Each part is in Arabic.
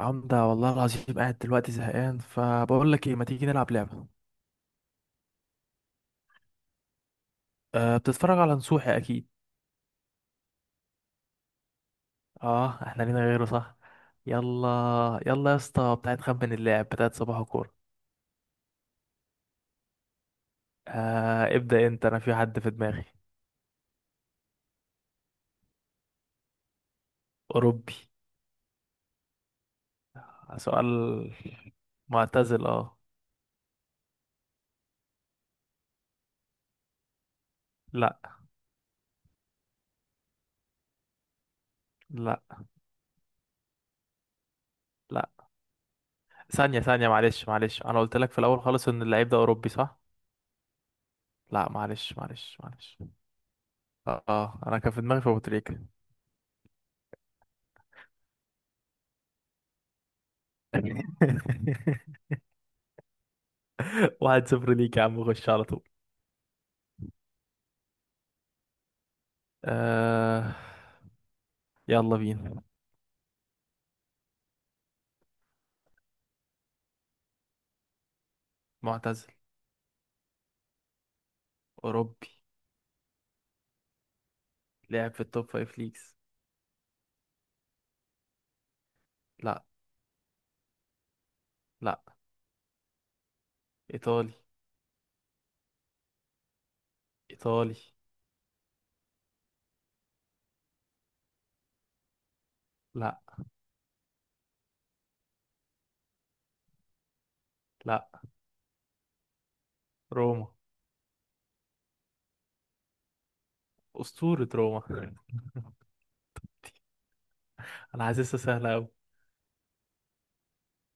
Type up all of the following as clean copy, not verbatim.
عمدة والله العظيم قاعد دلوقتي زهقان فبقول لك ايه، ما تيجي نلعب لعبة. أه، بتتفرج على نصوحي اكيد. اه، احنا لينا غيره صح؟ يلا يلا يا اسطى، بتاعت خمن اللاعب بتاعت صباح كورة. أه، ابدأ انت، انا في حد في دماغي. اوروبي؟ سؤال. معتزل؟ اه. لا لا لا، ثانية ثانية، معلش معلش، انا قلت لك في الاول خالص ان اللعيب ده اوروبي صح؟ لا، معلش معلش معلش. انا كان في دماغي في ابو تريكة. 1-0 ليك يا عم، خش على طول. آه، يلا بينا. معتزل. أوروبي. لعب في التوب فايف ليجز؟ لا. لا. إيطالي؟ إيطالي. لا. لا. روما؟ أسطورة روما. أنا حاسسها سهلة أوي.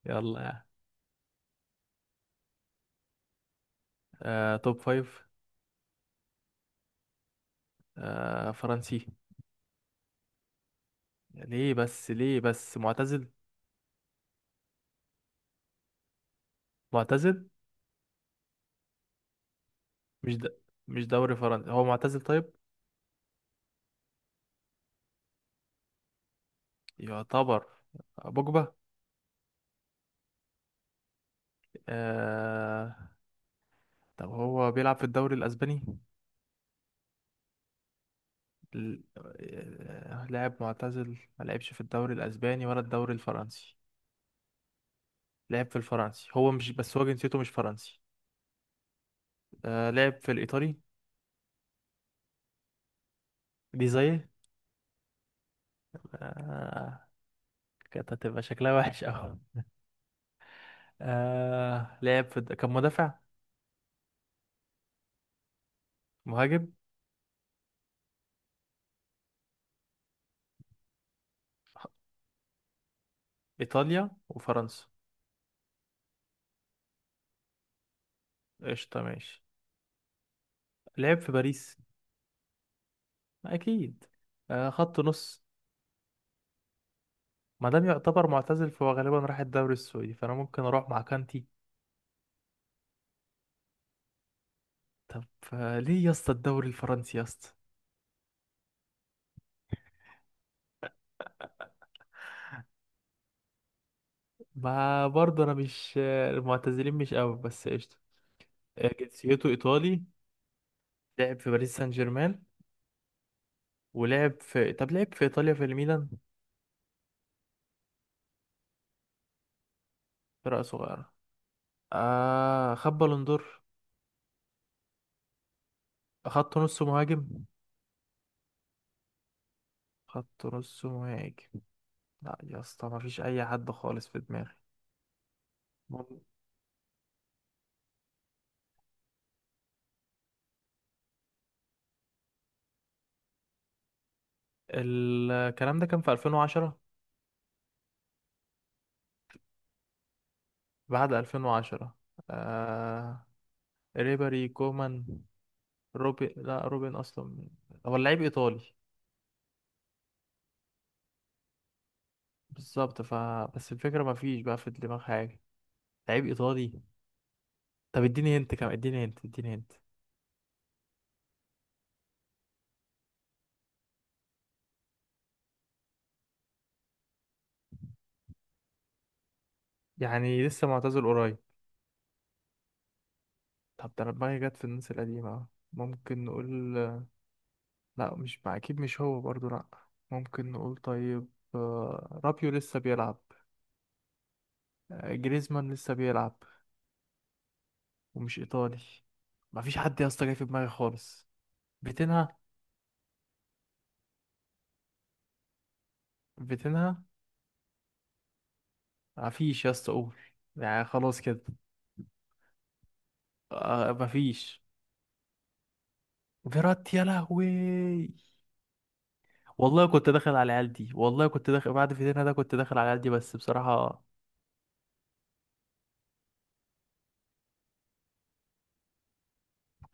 يلا يعني. آه، توب فايف. آه، فرنسي. ليه بس؟ ليه بس معتزل؟ معتزل. مش د... مش دوري فرنسي. هو معتزل طيب؟ يعتبر. آه، بوجبا. آه... طب هو بيلعب في الدوري الأسباني؟ لاعب معتزل، ما لعبش في الدوري الاسباني ولا الدوري الفرنسي. لعب في الفرنسي، هو مش بس، هو جنسيته مش فرنسي. آه، لعب في الايطالي. دي زي. آه، كانت هتبقى شكلها وحش قوي. آه، كان مدافع. مهاجم. ايطاليا وفرنسا. قشطه، ماشي. لعب في باريس. اكيد. آه، خط نص. ما دام يعتبر معتزل فهو غالبا راح الدوري السعودي، فانا ممكن اروح مع كانتي. طب. آه، ليه يا اسطى الدوري الفرنسي يا اسطى؟ ما برضه انا مش، المعتزلين مش قوي، بس قشطه. آه، جنسيته ايطالي. لعب في باريس سان جيرمان. ولعب في، طب لعب في ايطاليا في الميلان. فرقه صغيره. آه، خد بالون دور. خط نص مهاجم. خط نص مهاجم. لا يا اسطى، ما فيش اي حد خالص في دماغي. مم. الكلام ده كان في 2010. بعد 2010. آه، ريبري كومان. روبن، لا روبن اصلا. هو لعيب ايطالي. بالظبط ف، بس الفكرة ما فيش بقى في دماغ حاجة. لعيب إيطالي. طب اديني هنت كمان، اديني هنت، اديني هنت. يعني لسه معتزل قريب؟ طب ده أنا دماغي جت في الناس القديمة أهو. ممكن نقول. لا مش مع، أكيد مش هو برضو لأ. ممكن نقول طيب. آه، رابيو لسه بيلعب. آه، جريزمان لسه بيلعب، ومش إيطالي. ما فيش حد يا اسطى جاي في دماغي خالص. فيتينها؟ فيتينها؟ ما فيش يا اسطى، قول. يعني خلاص كده. آه، ما فيش. فيراتي، يا لهوي. والله كنت داخل على العيال دي، والله كنت داخل بعد فيتينها، ده كنت داخل على العيال دي بس بصراحة.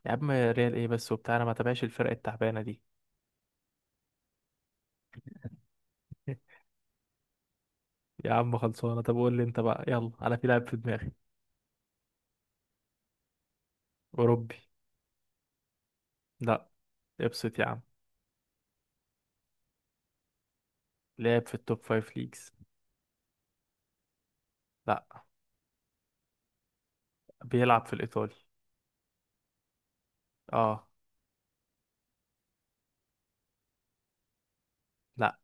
يا عم ريال ايه بس وبتاع، انا ما تابعش الفرق التعبانة دي. يا عم خلصانة، طب قول لي انت بقى، يلا انا في لاعب في دماغي. اوروبي؟ لا، ابسط يا عم. لعب في التوب فايف ليجز؟ لا. بيلعب في الايطالي. اه. لا.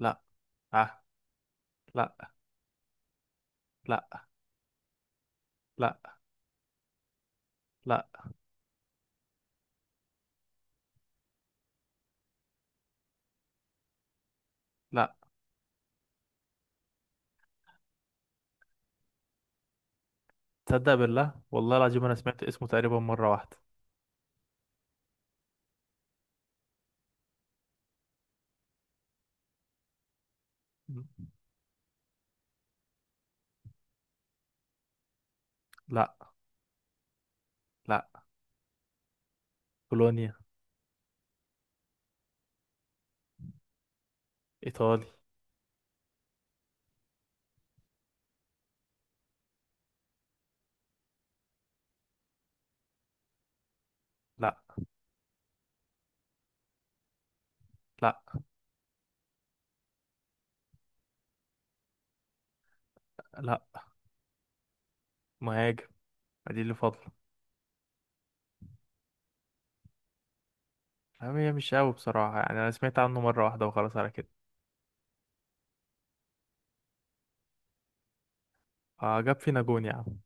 لا. اه لا. لا. لا. لا. لا. تصدق بالله والله العظيم انا سمعت اسمه تقريبا مرة واحدة. لا. لا. بولونيا؟ ايطالي. لا. لا. لا. مهاجم. دي اللي فاضله. أما هي مش قوي بصراحه يعني، انا سمعت عنه مره واحده وخلاص على كده. آه، جاب فينا جون يا عم.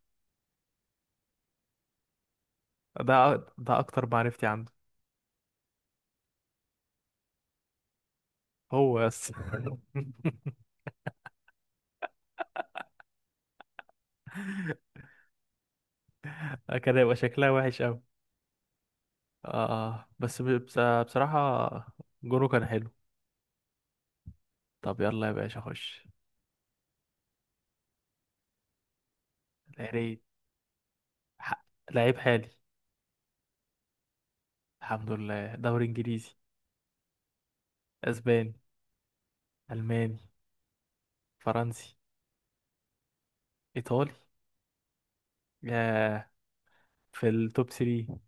ده اكتر معرفتي عنده. هو بس. كان هيبقى شكلها وحش قوي. آه، بصراحه، جونه كان حلو. طب يلا يا باشا خش. يا ريت. ح- لعيب حالي. الحمد لله. دوري انجليزي؟ اسباني؟ الماني؟ فرنسي؟ ايطالي. ياه. في التوب 3.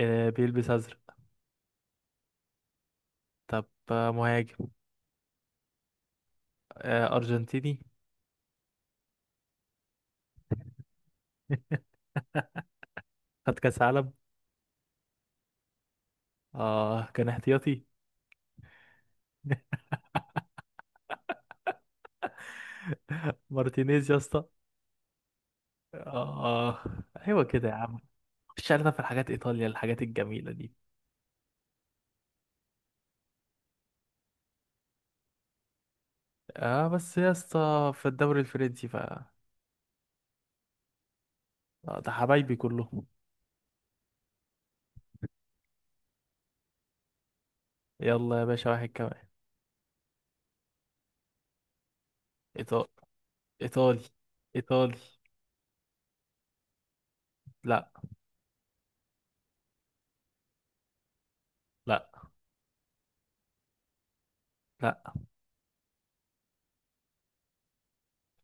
آه، بيلبس ازرق. طب. آه، مهاجم. آه، أرجنتيني. خد كاس عالم. اه كان احتياطي. مارتينيز يا اسطى. اه ايوه كده يا عم. مش عارف في الحاجات، ايطاليا الحاجات الجميله دي. اه، بس يا اسطى في الدوري الفرنسي ف. آه، ده حبايبي كلهم. يلا يا باشا واحد كمان. إيطا- ايطالي. ايطالي. لا. لا. لا.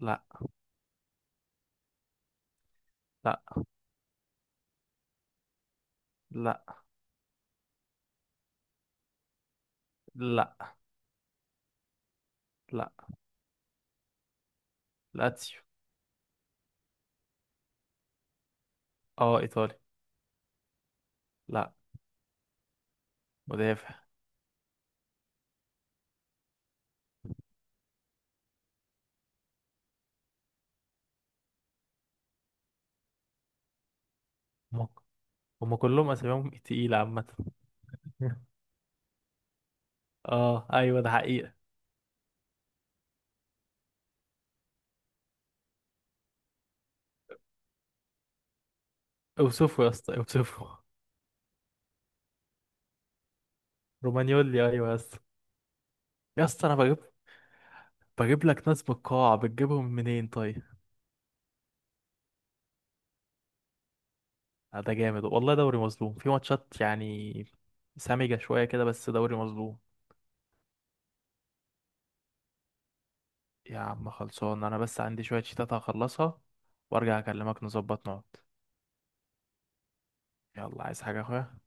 لا. لا. لا. لا. لا. لاتسيو. اه، ايطالي. لا. مدافع. هم. هم كلهم اساميهم تقيله عامه. اه ايوه ده حقيقه. اوصفه يا اسطى، اوصفه. رومانيولي، ايوه يا اسطى. يا اسطى انا بجيب لك ناس من القاعة، بتجيبهم منين طيب؟ آه، ده جامد والله، دوري مظلوم في ماتشات يعني. سامجة شوية كده بس دوري مظلوم. يا عم خلصان، انا بس عندي شوية شيتات هخلصها وارجع اكلمك، نظبط نقعد. يلا، عايز حاجة يا اخويا؟